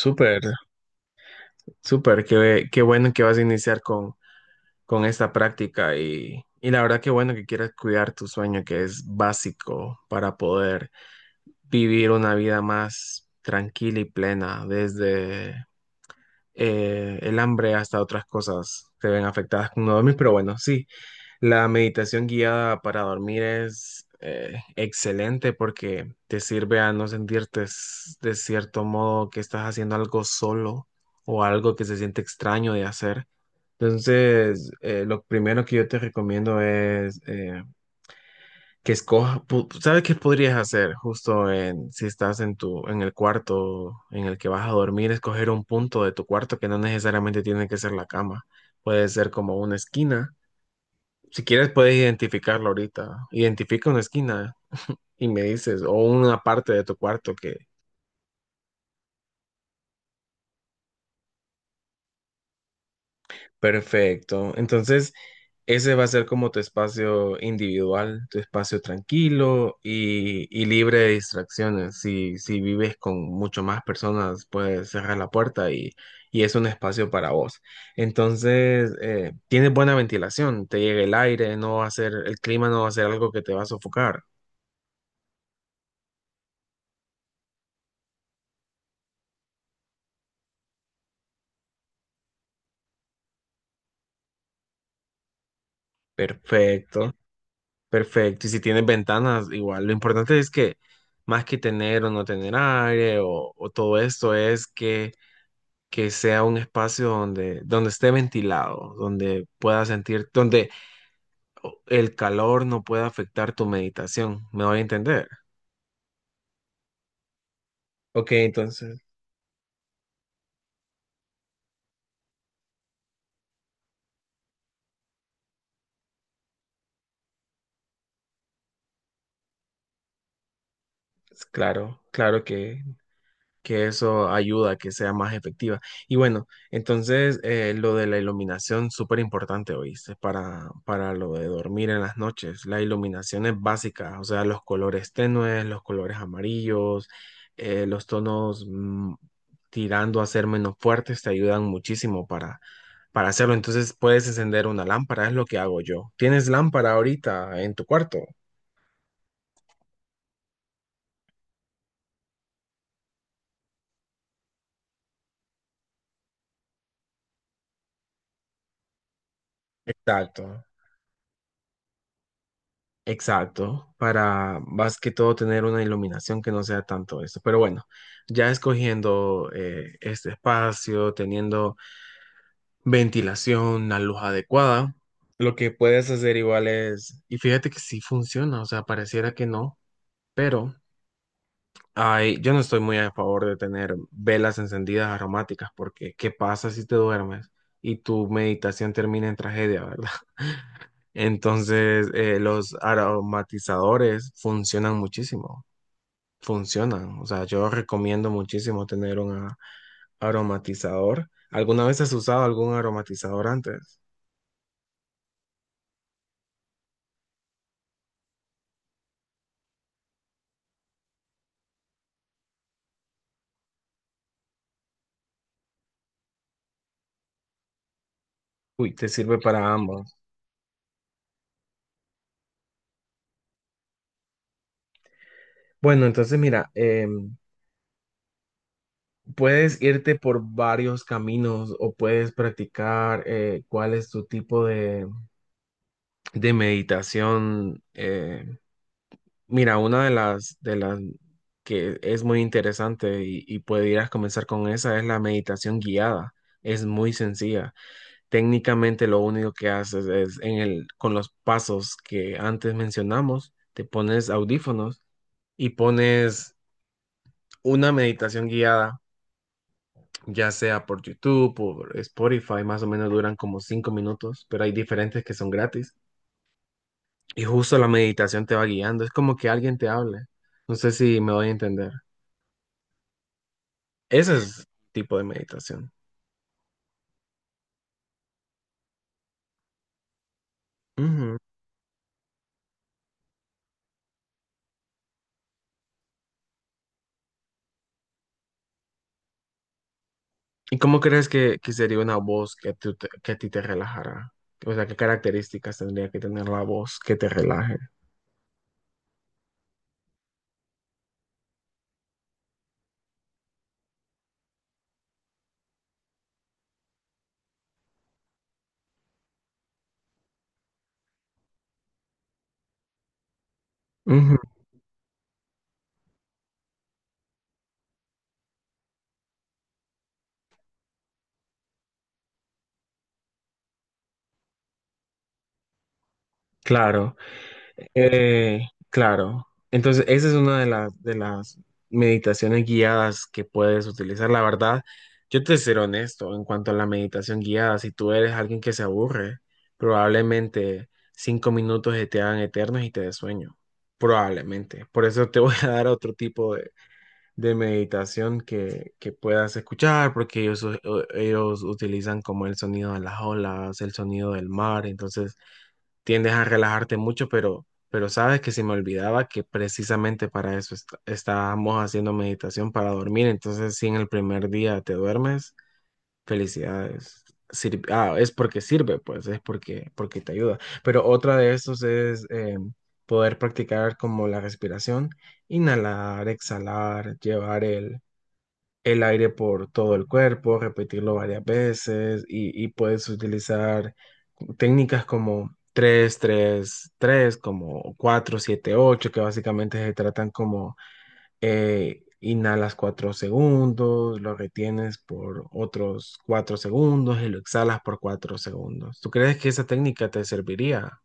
Súper, súper, qué bueno que vas a iniciar con esta práctica y la verdad qué bueno que quieras cuidar tu sueño, que es básico para poder vivir una vida más tranquila y plena, desde el hambre hasta otras cosas se ven afectadas con no dormir, pero bueno, sí, la meditación guiada para dormir es excelente porque te sirve a no sentirte de cierto modo que estás haciendo algo solo o algo que se siente extraño de hacer. Entonces, lo primero que yo te recomiendo es que escojas, ¿sabes qué podrías hacer justo en, si estás en tu, en el cuarto en el que vas a dormir? Escoger un punto de tu cuarto que no necesariamente tiene que ser la cama. Puede ser como una esquina si quieres, puedes identificarlo ahorita. Identifica una esquina y me dices, o una parte de tu cuarto que. Perfecto. Entonces, ese va a ser como tu espacio individual, tu espacio tranquilo y libre de distracciones. Si vives con mucho más personas, puedes cerrar la puerta y es un espacio para vos. Entonces, tienes buena ventilación, te llega el aire, no va a ser, el clima no va a ser algo que te va a sofocar. Perfecto. Perfecto. Y si tienes ventanas, igual. Lo importante es que más que tener o no tener aire o todo esto es que sea un espacio donde esté ventilado, donde puedas sentir, donde el calor no pueda afectar tu meditación. ¿Me voy a entender? Ok, entonces, claro, claro que eso ayuda a que sea más efectiva. Y bueno, entonces lo de la iluminación, súper importante, ¿oíste? Para lo de dormir en las noches. La iluminación es básica, o sea, los colores tenues, los colores amarillos, los tonos tirando a ser menos fuertes te ayudan muchísimo para hacerlo. Entonces puedes encender una lámpara, es lo que hago yo. ¿Tienes lámpara ahorita en tu cuarto? Exacto. Exacto, para más que todo tener una iluminación que no sea tanto esto. Pero bueno, ya escogiendo este espacio, teniendo ventilación, la luz adecuada, lo que puedes hacer igual es, y fíjate que sí funciona, o sea, pareciera que no, pero ay, yo no estoy muy a favor de tener velas encendidas aromáticas porque ¿qué pasa si te duermes y tu meditación termina en tragedia, verdad? Entonces, los aromatizadores funcionan muchísimo, funcionan. O sea, yo recomiendo muchísimo tener un aromatizador. ¿Alguna vez has usado algún aromatizador antes? Uy, te sirve para ambos. Bueno, entonces mira, puedes irte por varios caminos o puedes practicar cuál es tu tipo de meditación. Mira, una de las que es muy interesante y podrías comenzar con esa es la meditación guiada. Es muy sencilla. Técnicamente lo único que haces es con los pasos que antes mencionamos, te pones audífonos y pones una meditación guiada ya sea por YouTube, por Spotify, más o menos duran como 5 minutos, pero hay diferentes que son gratis. Y justo la meditación te va guiando, es como que alguien te hable. No sé si me voy a entender. Ese es tipo de meditación. Ujú. ¿Y cómo crees que sería una voz que a ti te relajara? O sea, ¿qué características tendría que tener la voz que te relaje? Ujú, claro. Eh, claro. Entonces, esa es una de las meditaciones guiadas que puedes utilizar. La verdad, yo te seré honesto en cuanto a la meditación guiada. Si tú eres alguien que se aburre, probablemente 5 minutos se te hagan eternos y te des sueño. Probablemente. Por eso te voy a dar otro tipo de meditación que puedas escuchar, porque ellos utilizan como el sonido de las olas, el sonido del mar. Entonces, tiendes a relajarte mucho, pero sabes que se me olvidaba que precisamente para eso estábamos haciendo meditación para dormir. Entonces, si en el primer día te duermes, felicidades. Ah, es porque sirve, pues, es porque te ayuda. Pero otra de estos es poder practicar como la respiración, inhalar, exhalar, llevar el aire por todo el cuerpo, repetirlo varias veces y puedes utilizar técnicas como 3-3-3, como 4-7-8, que básicamente se tratan como inhalas 4 segundos, lo retienes por otros 4 segundos y lo exhalas por 4 segundos. ¿Tú crees que esa técnica te serviría?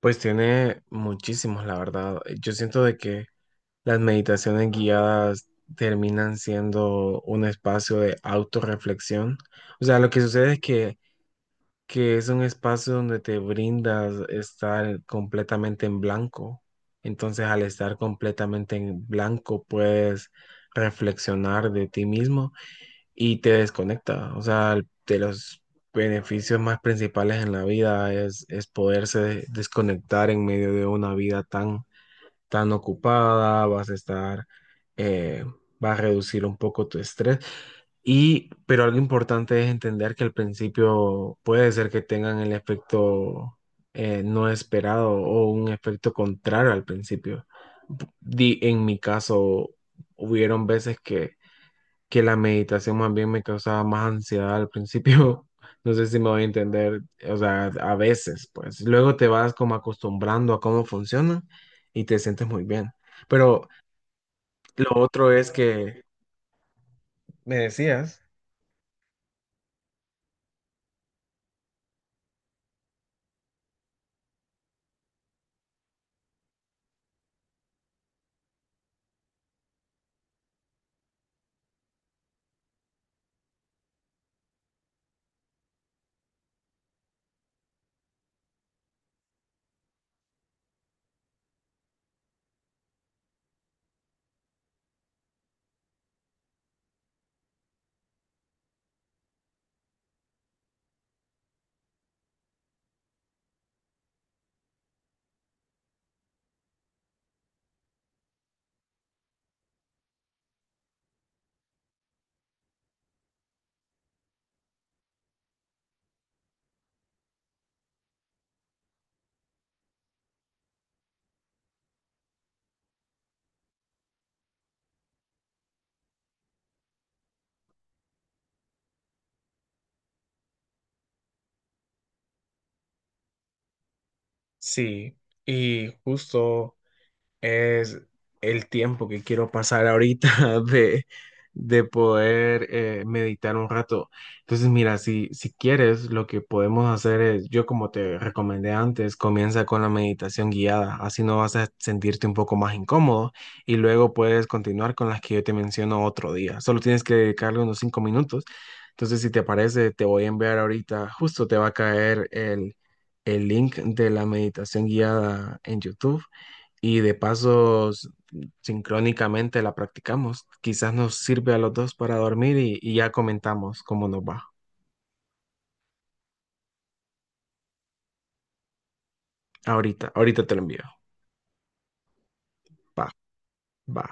Pues tiene muchísimos, la verdad. Yo siento de que las meditaciones guiadas terminan siendo un espacio de autorreflexión. O sea, lo que sucede es que es un espacio donde te brindas estar completamente en blanco. Entonces, al estar completamente en blanco, puedes reflexionar de ti mismo y te desconecta. O sea, de los beneficios más principales en la vida es poderse desconectar en medio de una vida tan tan ocupada, vas a estar, eh, vas a reducir un poco tu estrés. Y, pero algo importante es entender que al principio puede ser que tengan el efecto no esperado o un efecto contrario al principio. En mi caso, hubieron veces que la meditación más bien me causaba más ansiedad al principio. No sé si me voy a entender, o sea, a veces, pues luego te vas como acostumbrando a cómo funciona y te sientes muy bien. Pero lo otro es que me decías, sí, y justo es el tiempo que quiero pasar ahorita de, de poder meditar un rato. Entonces, mira, si quieres, lo que podemos hacer es, yo como te recomendé antes, comienza con la meditación guiada, así no vas a sentirte un poco más incómodo y luego puedes continuar con las que yo te menciono otro día. Solo tienes que dedicarle unos 5 minutos. Entonces, si te parece, te voy a enviar ahorita, justo te va a caer el link de la meditación guiada en YouTube y de paso sincrónicamente la practicamos. Quizás nos sirve a los dos para dormir y ya comentamos cómo nos va. Ahorita, ahorita te lo envío. Va, va.